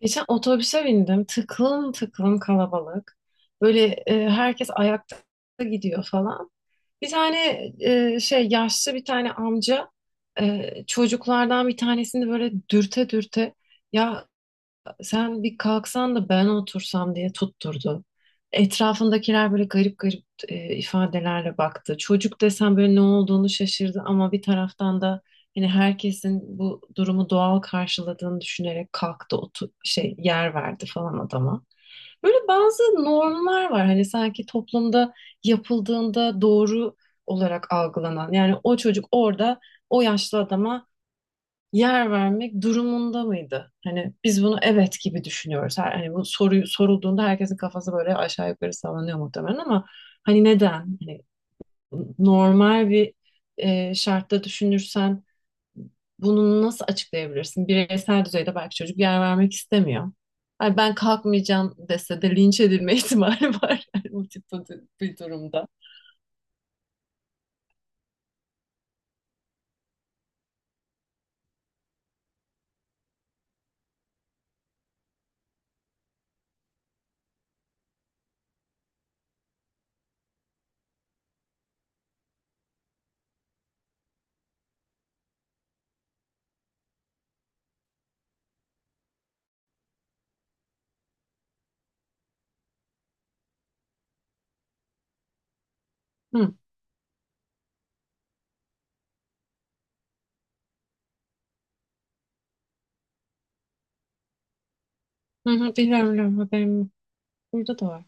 Geçen otobüse bindim. Tıklım tıklım kalabalık. Böyle herkes ayakta gidiyor falan. Bir tane yaşlı bir tane amca, çocuklardan bir tanesini böyle dürte dürte, ya sen bir kalksan da ben otursam diye tutturdu. Etrafındakiler böyle garip garip ifadelerle baktı. Çocuk desem böyle ne olduğunu şaşırdı ama bir taraftan da hani herkesin bu durumu doğal karşıladığını düşünerek kalktı, otu şey yer verdi falan adama. Böyle bazı normlar var hani sanki toplumda yapıldığında doğru olarak algılanan. Yani o çocuk orada o yaşlı adama yer vermek durumunda mıydı? Hani biz bunu evet gibi düşünüyoruz. Hani bu soruyu sorulduğunda herkesin kafası böyle aşağı yukarı sallanıyor muhtemelen ama hani neden? Hani normal bir şartta düşünürsen bunu nasıl açıklayabilirsin? Bireysel düzeyde belki çocuk yer vermek istemiyor. Ay ben kalkmayacağım dese de linç edilme ihtimali var yani bu tip bir durumda. Hı, hı, hı, biliyorum biliyorum, haberim yok. Burada da var.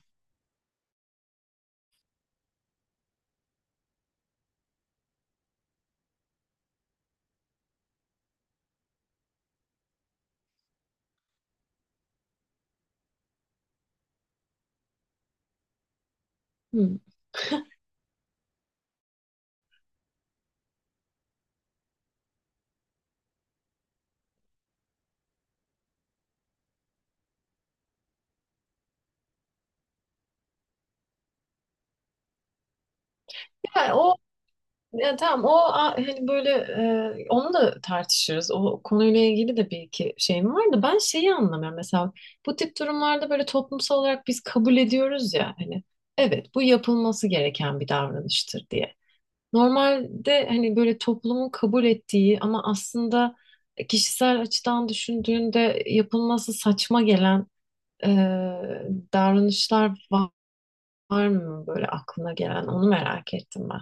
Hı. Yani o Ya tamam hani böyle onu da tartışırız. O konuyla ilgili de bir iki şeyim var da ben şeyi anlamıyorum. Mesela bu tip durumlarda böyle toplumsal olarak biz kabul ediyoruz ya hani evet bu yapılması gereken bir davranıştır diye. Normalde hani böyle toplumun kabul ettiği ama aslında kişisel açıdan düşündüğünde yapılması saçma gelen e, davranışlar var, var mı böyle aklına gelen onu merak ettim ben.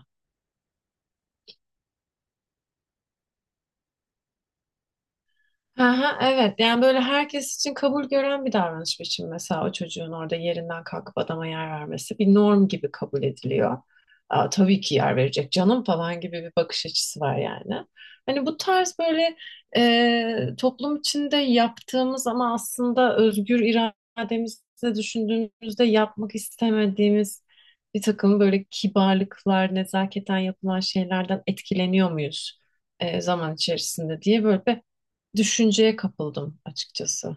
Aha, evet, yani böyle herkes için kabul gören bir davranış biçimi, mesela o çocuğun orada yerinden kalkıp adama yer vermesi bir norm gibi kabul ediliyor. Aa, tabii ki yer verecek canım falan gibi bir bakış açısı var yani. Hani bu tarz böyle toplum içinde yaptığımız ama aslında özgür irademizle düşündüğümüzde yapmak istemediğimiz bir takım böyle kibarlıklar, nezaketen yapılan şeylerden etkileniyor muyuz zaman içerisinde, diye böyle bir düşünceye kapıldım açıkçası.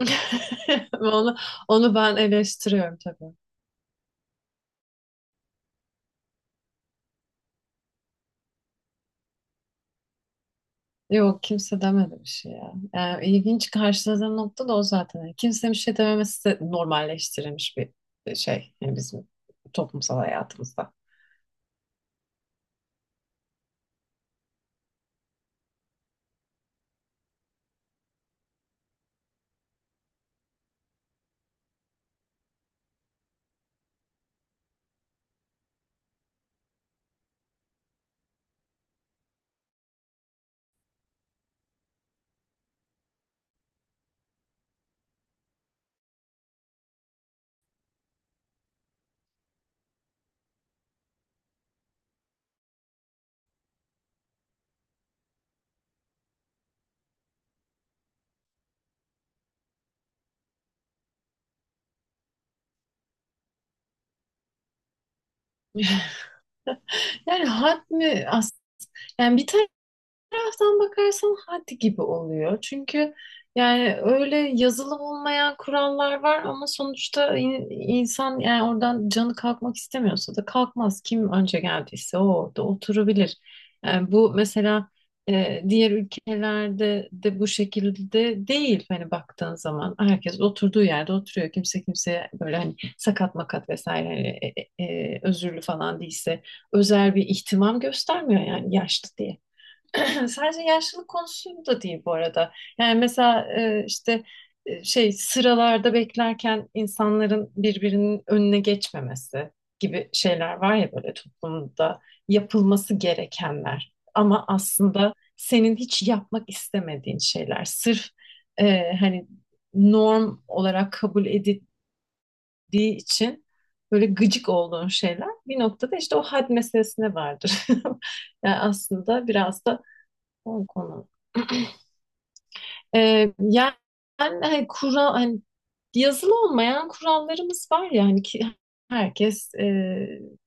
Onu, onu, ben eleştiriyorum tabii. Yok, kimse demedi bir şey ya. Yani ilginç karşıladığım nokta da o zaten. Yani kimsenin bir şey dememesi de normalleştirilmiş bir şey. Yani bizim toplumsal hayatımızda. Yani had mi as, yani bir taraftan bakarsan hadi gibi oluyor. Çünkü yani öyle yazılı olmayan kurallar var ama sonuçta insan, yani oradan canı kalkmak istemiyorsa da kalkmaz. Kim önce geldiyse o orada oturabilir. Yani bu mesela diğer ülkelerde de bu şekilde değil. Hani baktığın zaman herkes oturduğu yerde oturuyor. Kimse kimseye böyle hani sakat makat vesaire, hani özürlü falan değilse özel bir ihtimam göstermiyor yani yaşlı diye. Sadece yaşlılık konusu da değil bu arada. Yani mesela sıralarda beklerken insanların birbirinin önüne geçmemesi gibi şeyler var ya, böyle toplumda yapılması gerekenler. Ama aslında senin hiç yapmak istemediğin şeyler. Sırf hani norm olarak kabul edildiği için böyle gıcık olduğun şeyler bir noktada işte o had meselesine vardır. Yani aslında biraz da o konu. Yani hani kural hani yazılı olmayan kurallarımız var ya, hani ki herkes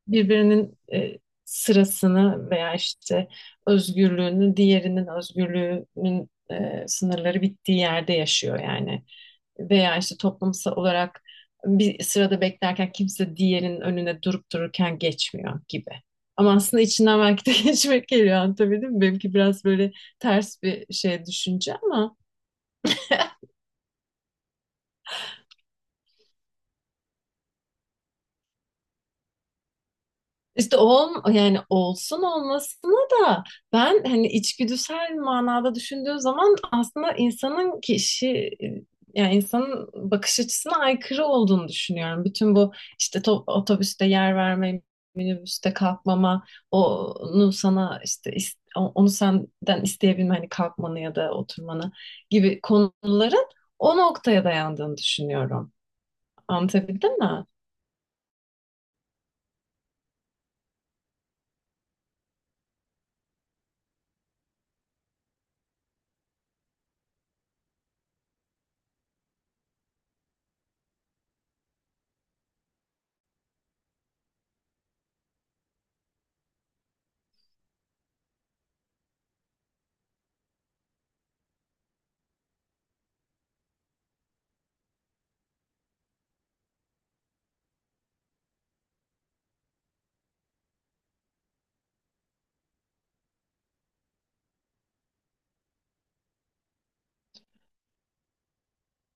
birbirinin sırasını veya işte özgürlüğünü, diğerinin özgürlüğünün sınırları bittiği yerde yaşıyor yani, veya işte toplumsal olarak bir sırada beklerken kimse diğerinin önüne durup dururken geçmiyor gibi. Ama aslında içinden belki de geçmek geliyor, anlatabildim mi? Benimki biraz böyle ters bir şey düşünce ama yani olsun olmasına da ben hani içgüdüsel manada düşündüğü zaman aslında e, yani insanın bakış açısına aykırı olduğunu düşünüyorum. Bütün bu işte otobüste yer verme, minibüste kalkmama, onu sana işte onu senden isteyebilme hani kalkmanı ya da oturmanı gibi konuların o noktaya dayandığını düşünüyorum. Anlatabildim mi?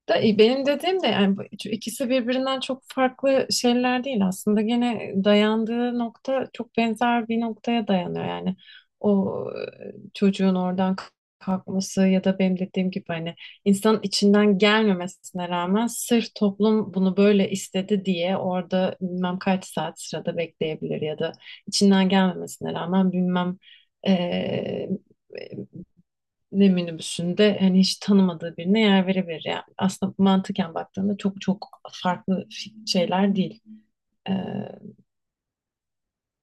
Benim dediğim de yani bu ikisi birbirinden çok farklı şeyler değil aslında. Gene dayandığı nokta çok benzer bir noktaya dayanıyor yani. O çocuğun kalkması ya da benim dediğim gibi hani insanın içinden gelmemesine rağmen sırf toplum bunu böyle istedi diye orada bilmem kaç saat sırada bekleyebilir ya da içinden gelmemesine rağmen bilmem e, ne minibüsünde hani hiç tanımadığı birine yer verebilir yani. Aslında mantıken baktığında çok çok farklı şeyler değil. Ee,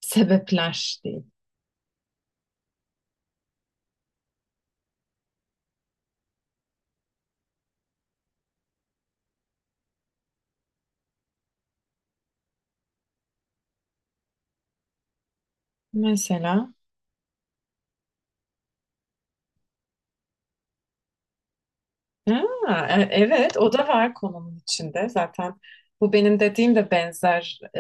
sebepler değil. Mesela evet, o da var konunun içinde. Zaten bu benim dediğim de benzer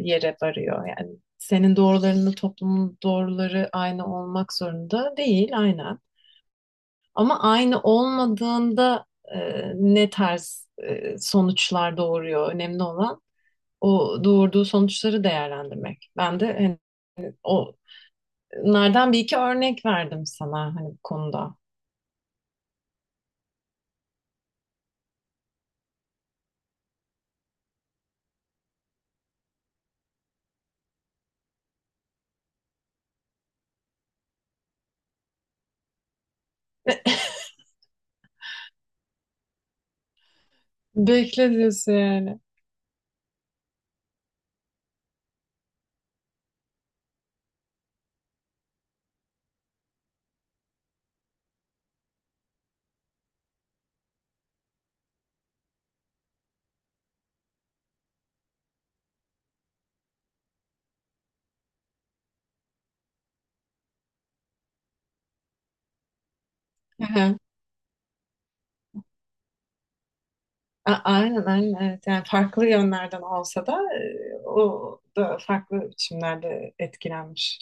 yere varıyor. Yani senin doğrularınla toplumun doğruları aynı olmak zorunda değil, aynen. Ama aynı olmadığında e, ne tarz sonuçlar doğuruyor, önemli olan o doğurduğu sonuçları değerlendirmek. Ben de hani o nereden bir iki örnek verdim sana hani bu konuda. Bekle diyorsun yani. Aha. Aynen, aynen, evet. Yani farklı yönlerden olsa da o da farklı biçimlerde etkilenmiş.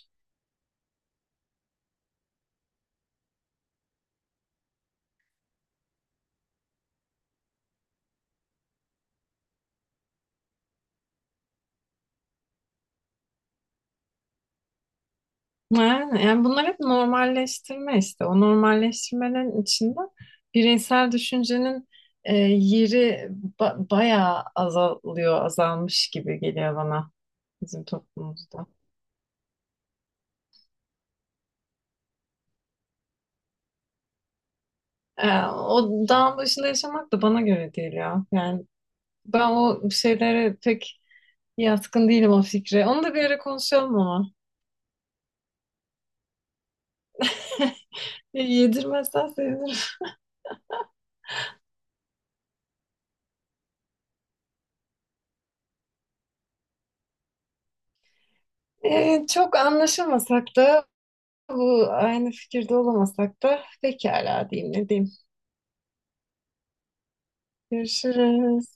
Yani bunlar hep normalleştirme işte. O normalleştirmenin içinde bireysel düşüncenin yeri bayağı azalmış gibi geliyor bana, bizim toplumumuzda. E, o dağın başında yaşamak da bana göre değil ya. Yani ben o şeylere pek yatkın değilim, o fikre. Onu da bir ara konuşalım ama. E, yedirmezsen sevinirim. E, çok anlaşamasak da aynı fikirde olamasak da pekala, diyeyim ne diyeyim. Görüşürüz.